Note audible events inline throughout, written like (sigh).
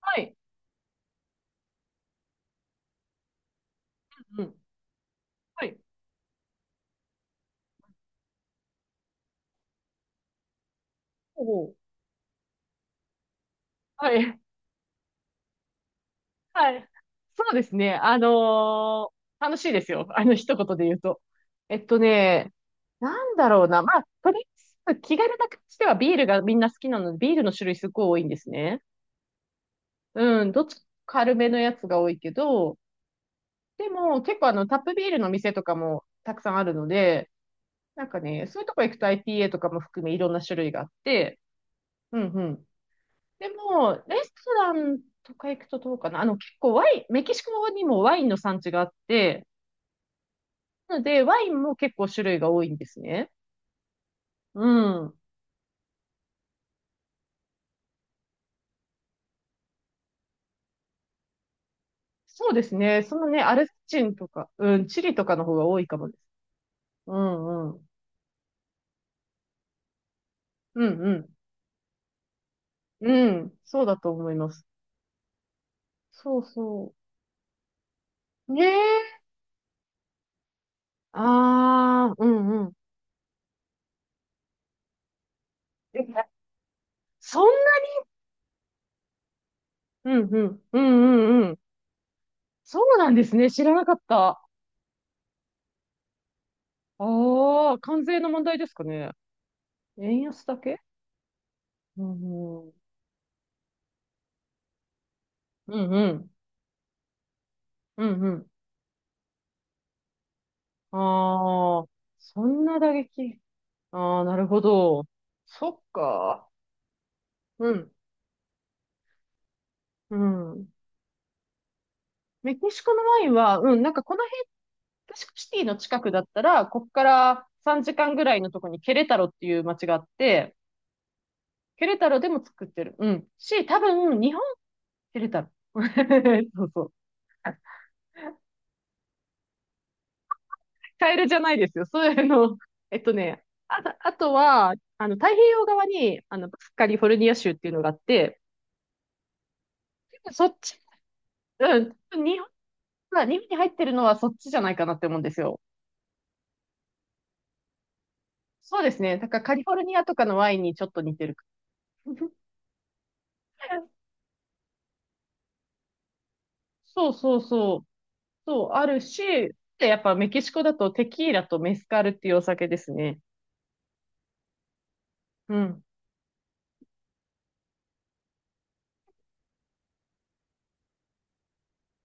はい。うん。はい。おお、はい。はい。そうですね。楽しいですよ。(laughs) 一言で言うと。えっとね、なんだろうな。まあ、とりあえず気軽な感じではビールがみんな好きなので、ビールの種類すごい多いんですね。うん、どっち軽めのやつが多いけど、でも結構タップビールの店とかもたくさんあるので、なんかね、そういうとこ行くと IPA とかも含めいろんな種類があって、うんうん。でも、レストランとか行くとどうかな。結構ワイン、メキシコにもワインの産地があって、なので、ワインも結構種類が多いんですね。うん。そうですね。そのね、アルゼンチンとか、うん、チリとかの方が多いかもです。うんうん。うんうん。うん。そうだと思います。そうそう。ねえ。ああ、うんうん。えそんな、うんうん。うんうんうん。そうなんですね。知らなかった。ああ、関税の問題ですかね。円安だけうんうん。うんうん。うんうん。ああ、そんな打撃。ああ、なるほど。そっか。うん。うん。メキシコのワインは、うん、なんかこの辺、メキシコシティの近くだったら、こっから3時間ぐらいのとこにケレタロっていう街があって、ケレタロでも作ってる。うん。し、多分、日本、ケレタロ。(laughs) そうそう。カエルじゃないですよ。そういうの。あとは、太平洋側に、カリフォルニア州っていうのがあって、そっち、うん。日本に入ってるのはそっちじゃないかなって思うんですよ。そうですね。だからカリフォルニアとかのワインにちょっと似てる。(laughs) そうそうそう。そう、あるし、で、やっぱメキシコだとテキーラとメスカルっていうお酒ですね。うん。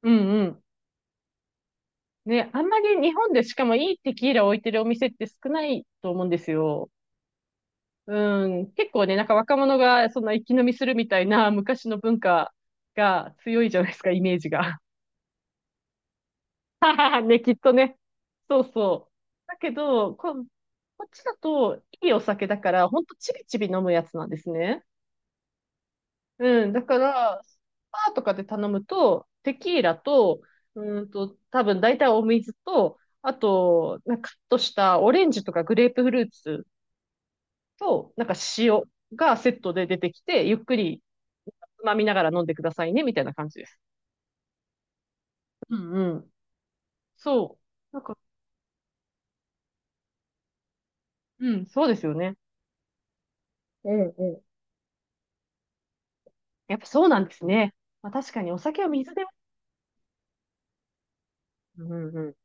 うんうん。ね、あんまり日本でしかもいいテキーラを置いてるお店って少ないと思うんですよ。うん。結構ね、なんか若者がそんな一気飲みするみたいな昔の文化が強いじゃないですか、イメージが。(laughs) はははね、きっとね。そうそう。だけど、こっちだと、いいお酒だから、ほんとちびちび飲むやつなんですね。うん、だから、スパーとかで頼むと、テキーラと、多分大体お水と、あと、なんかカットしたオレンジとかグレープフルーツと、なんか塩がセットで出てきて、ゆっくりつまみながら飲んでくださいね、みたいな感じです。うんうん。そう。なんか、うん、そうですよね。うんうんやっぱそうなんですね。まあ、確かにお酒は水で、うんうんうん。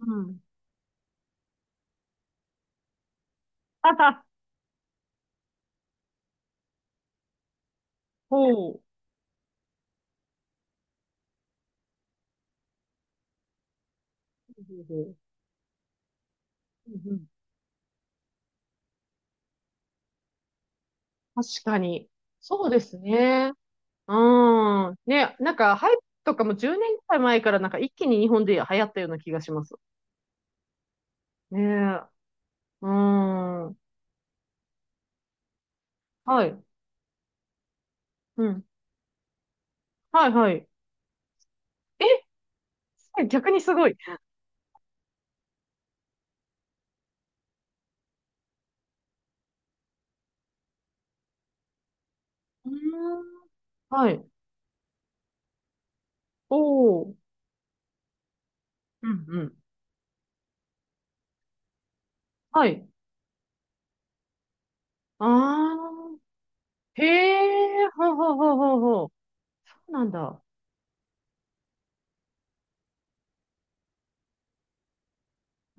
うん。はは、ほう。(laughs) ほうんうんうん確かに。そうですね。うん。ね、なんか、ハイプとかも10年くらい前からなんか一気に日本で流行ったような気がします。ねえ。うん。はい。うん。はいはい。え、すごい逆にすごい。うーん。はい。おお。うんうん。はい。ああ。へえ、ほうほうほうほうほう。そうなんだ。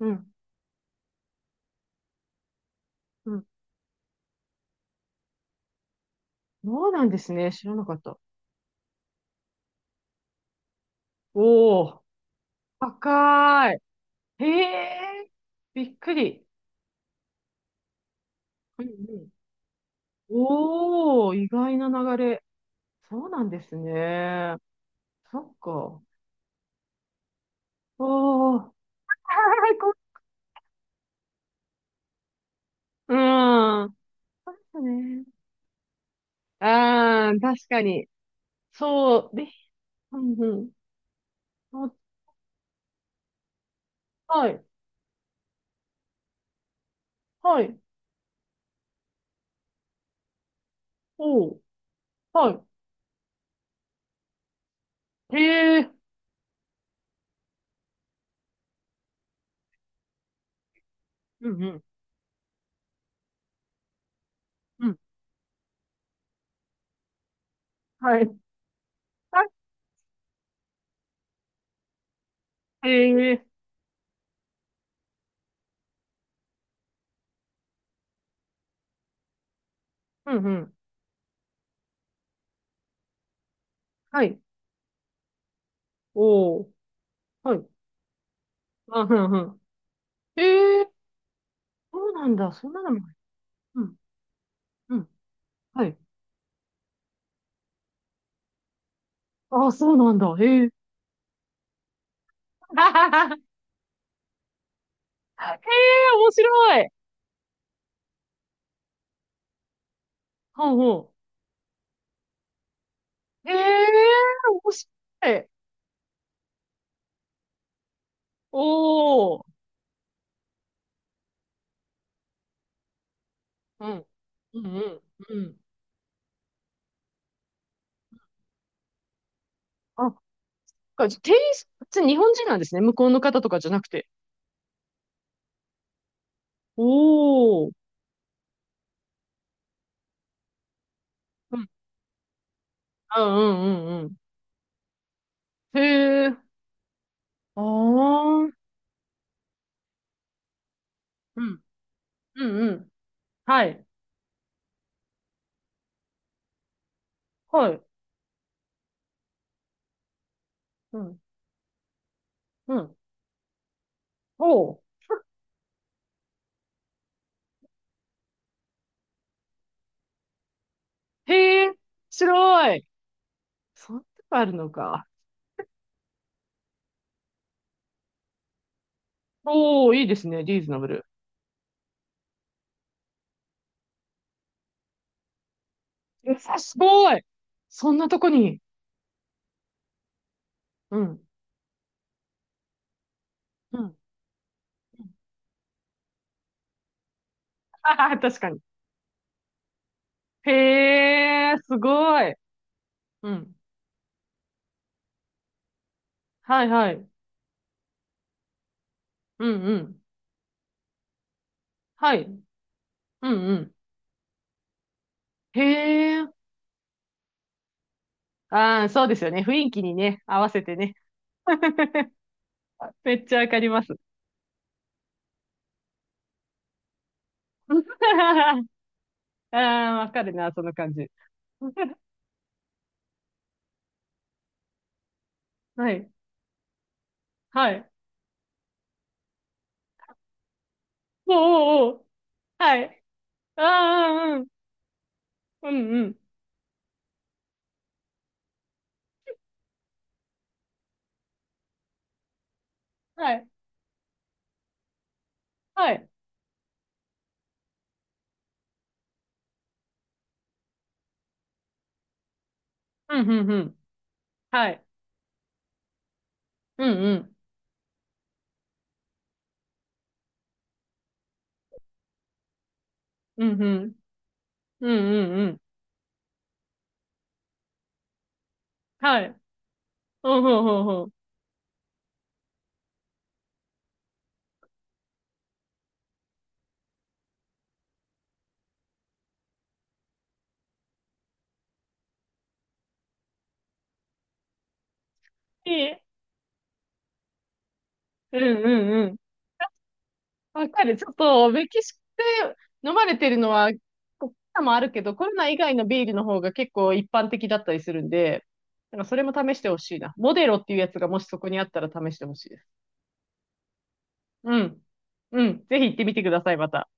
うん。うん。そうなんですね。知らなかった。おお、高い。へえ、びっくり。うんうん。おお、意外な流れ。そうなんですね。そっか。おお、(laughs) はいこうん。そうね。ああ、確かに。そう。で、うんうん。あはい。はい。おう。はい。へえ。うんうん。うん。はい。はい。へえ。うんうん。はい。おう。はい。うん、うん、うん。ええーそうなんだ。そんなのも。うん、うん。はい。ああ、そうなんだ。ええ (laughs) へえ面白い。ほうほう。ええ面白い。おお。うん。うん、うん、うん。あ、そっか、じゃあ店員さん、普通に日本人なんですね。向こうの方とかじゃなくて。おお。うん、うん、うん、うんうん。へえ。ああ。うん、うん、うん。はい。はい。うん、うん。おお。へえ、面白い。そんなとこあるのか。おー、いいですね。リーズナブル。やさすごい。そんなとこに。うん。うん。あはは確かに。へえ、すごい。うん。はいはい。うんうん。はい。うんうん。へえ。ああ、そうですよね。雰囲気にね、合わせてね。めっちゃわかります。(laughs) ああ、わかるな、その感じ。はい。はい。おうおうおう。はい。ああ、うんうん。うんうん。はい。はい。うん、うん、うん。はい。うん、うん。うん、うん。うん、うん、うん。はい。うん、ほうん、うほういいえ。うん、うん、うん。わかる。ちょっと、メキシコで飲まれてるのは、コロナもあるけど、コロナ以外のビールの方が結構一般的だったりするんで、なんかそれも試してほしいな。モデロっていうやつがもしそこにあったら試してほしいです。うん。うん。ぜひ行ってみてください、また。